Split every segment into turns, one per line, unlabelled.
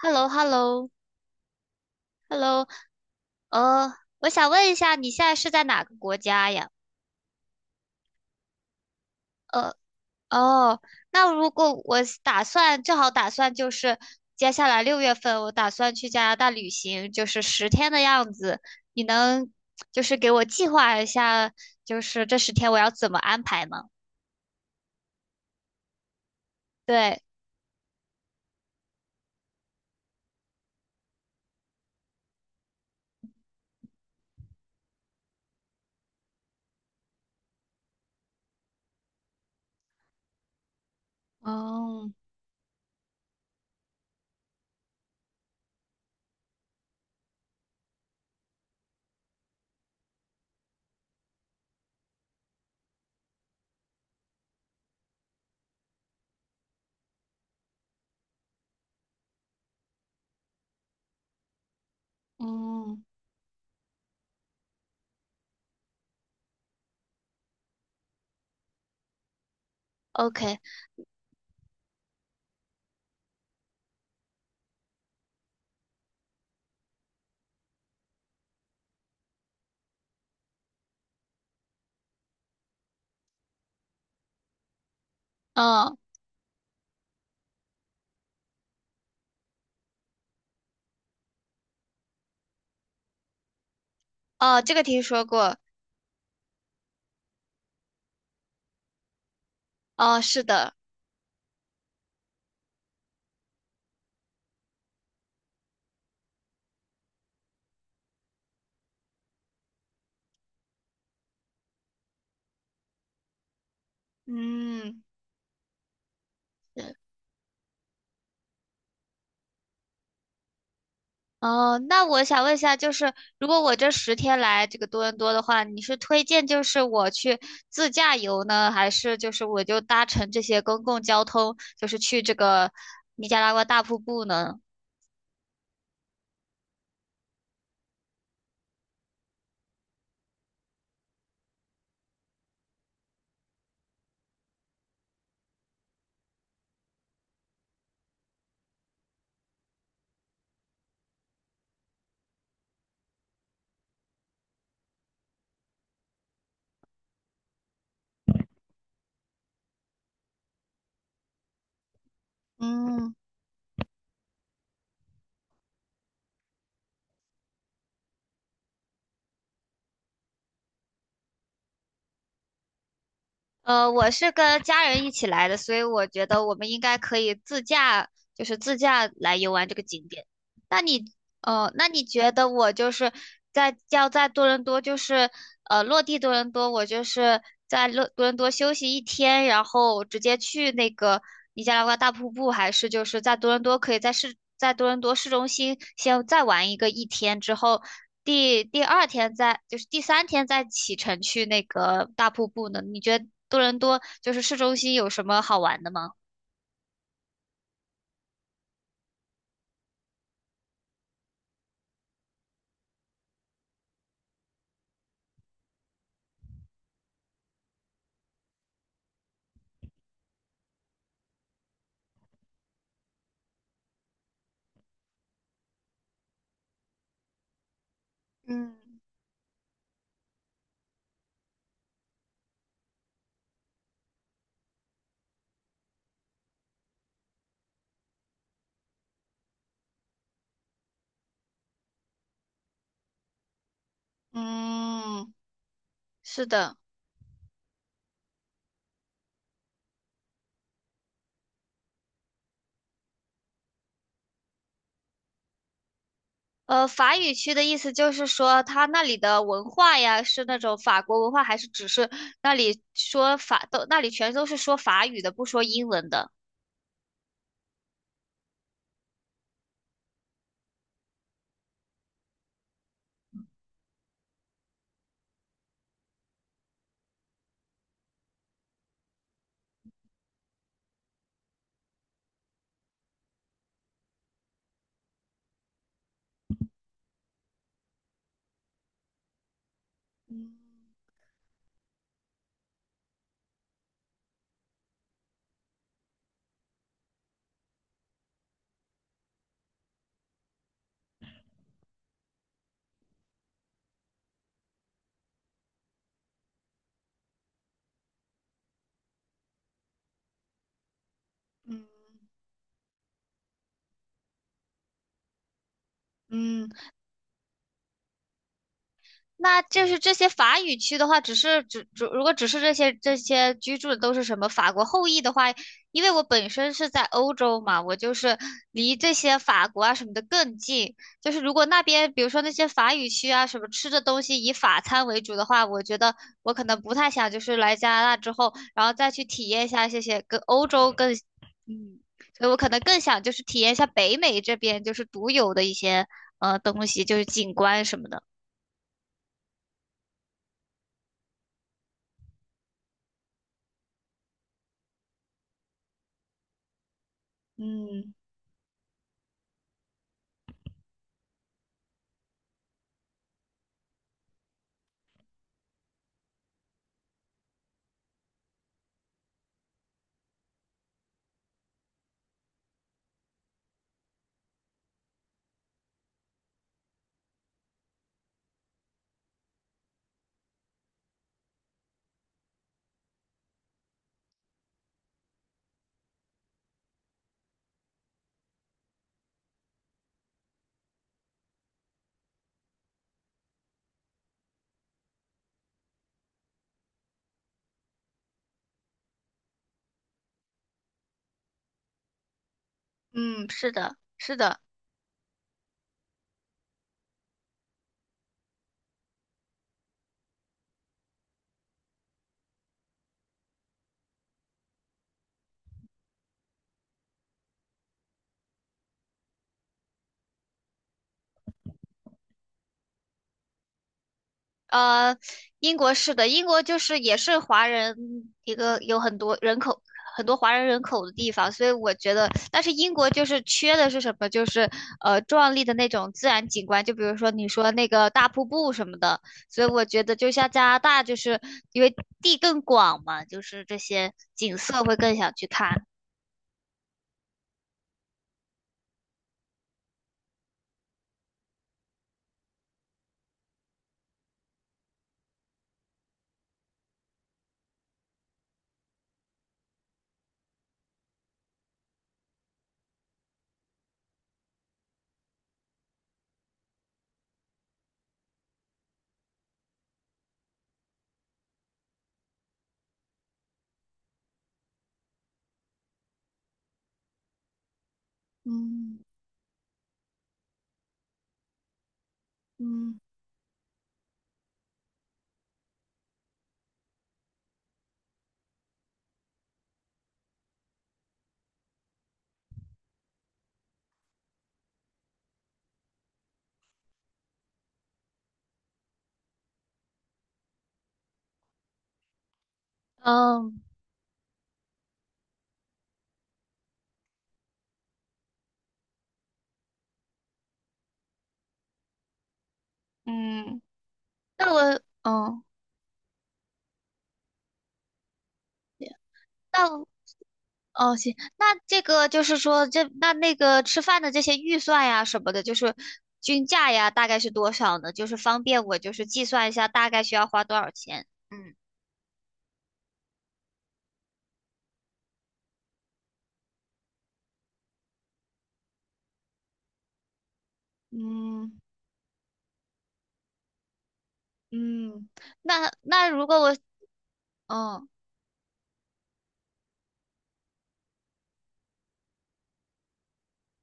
h e l l o h e l l o h e l l o 呃，我想问一下，你现在是在哪个国家呀？呃，哦，那如果我是打算，正好打算就是接下来六月份，我打算去加拿大旅行，就是十天的样子，你能就是给我计划一下，就是这十天我要怎么安排吗？对。哦，嗯 OK，嗯，哦，这个听说过，哦，是的，嗯，哦，那我想问一下，就是如果我这十天来这个多伦多的话，你是推荐就是我去自驾游呢，还是就是我就搭乘这些公共交通，就是去这个尼加拉瓜大瀑布呢？嗯，我是跟家人一起来的，所以我觉得我们应该可以自驾，就是自驾来游玩这个景点。那你哦，那你觉得我就是在要在多伦多，就是落地多伦多，我就是在多伦多休息一天，然后直接去那个尼加拉瓜大瀑布，还是就是在多伦多可以在市在多伦多市中心先再玩一个一天，之后第二天再就是第三天再启程去那个大瀑布呢？你觉得多伦多就是市中心有什么好玩的吗？嗯嗯，是的。法语区的意思就是说，他那里的文化呀，是那种法国文化，还是只是那里说法都，那里全都是说法语的，不说英文的。嗯嗯嗯那就是这些法语区的话，只是只只如果只是这些这些居住的都是什么法国后裔的话，因为我本身是在欧洲嘛，我就是离这些法国啊什么的更近。就是如果那边比如说那些法语区啊什么吃的东西以法餐为主的话，我觉得我可能不太想就是来加拿大之后，然后再去体验一下这些跟欧洲更嗯，所以我可能更想就是体验一下北美这边就是独有的一些东西，就是景观什么的，嗯。嗯，是的，是的，呃，英国是的，英国就是也是华人一个有很多人口，很多华人人口的地方，所以我觉得，但是英国就是缺的是什么？就是壮丽的那种自然景观，就比如说你说那个大瀑布什么的，所以我觉得就像加拿大，就是因为地更广嘛，就是这些景色会更想去看。嗯嗯嗯，那我嗯。那哦，行，那这个就是说，那个吃饭的这些预算呀什么的，就是均价呀，大概是多少呢？就是方便我就是计算一下大概需要花多少钱。嗯，嗯，那如果我，嗯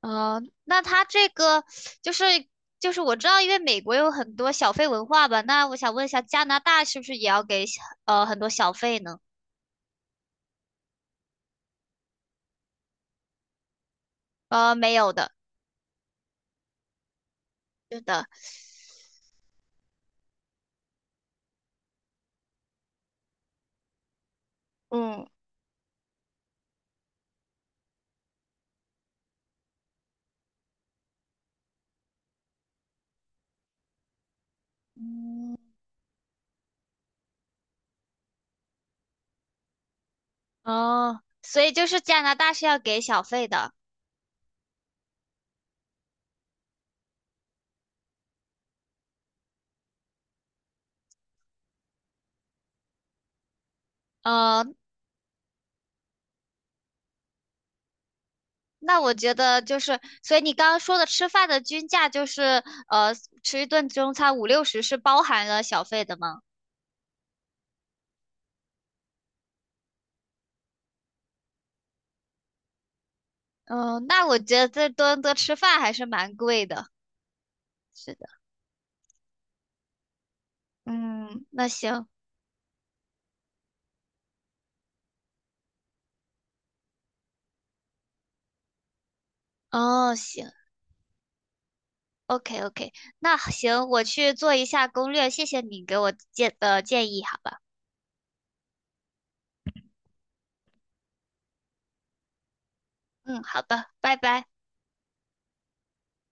那他这个就是就是我知道，因为美国有很多小费文化吧，那我想问一下，加拿大是不是也要给很多小费呢？没有的。嗯，哦，所以就是加拿大是要给小费的。呃，那我觉得就是，所以你刚刚说的吃饭的均价就是，呃，吃一顿中餐五六十是包含了小费的吗？嗯，那我觉得在多伦多吃饭还是蛮贵的。是的，嗯，那行，哦，行，OK OK，那行，我去做一下攻略，谢谢你给我建的建议，好吧？嗯，好的，拜拜。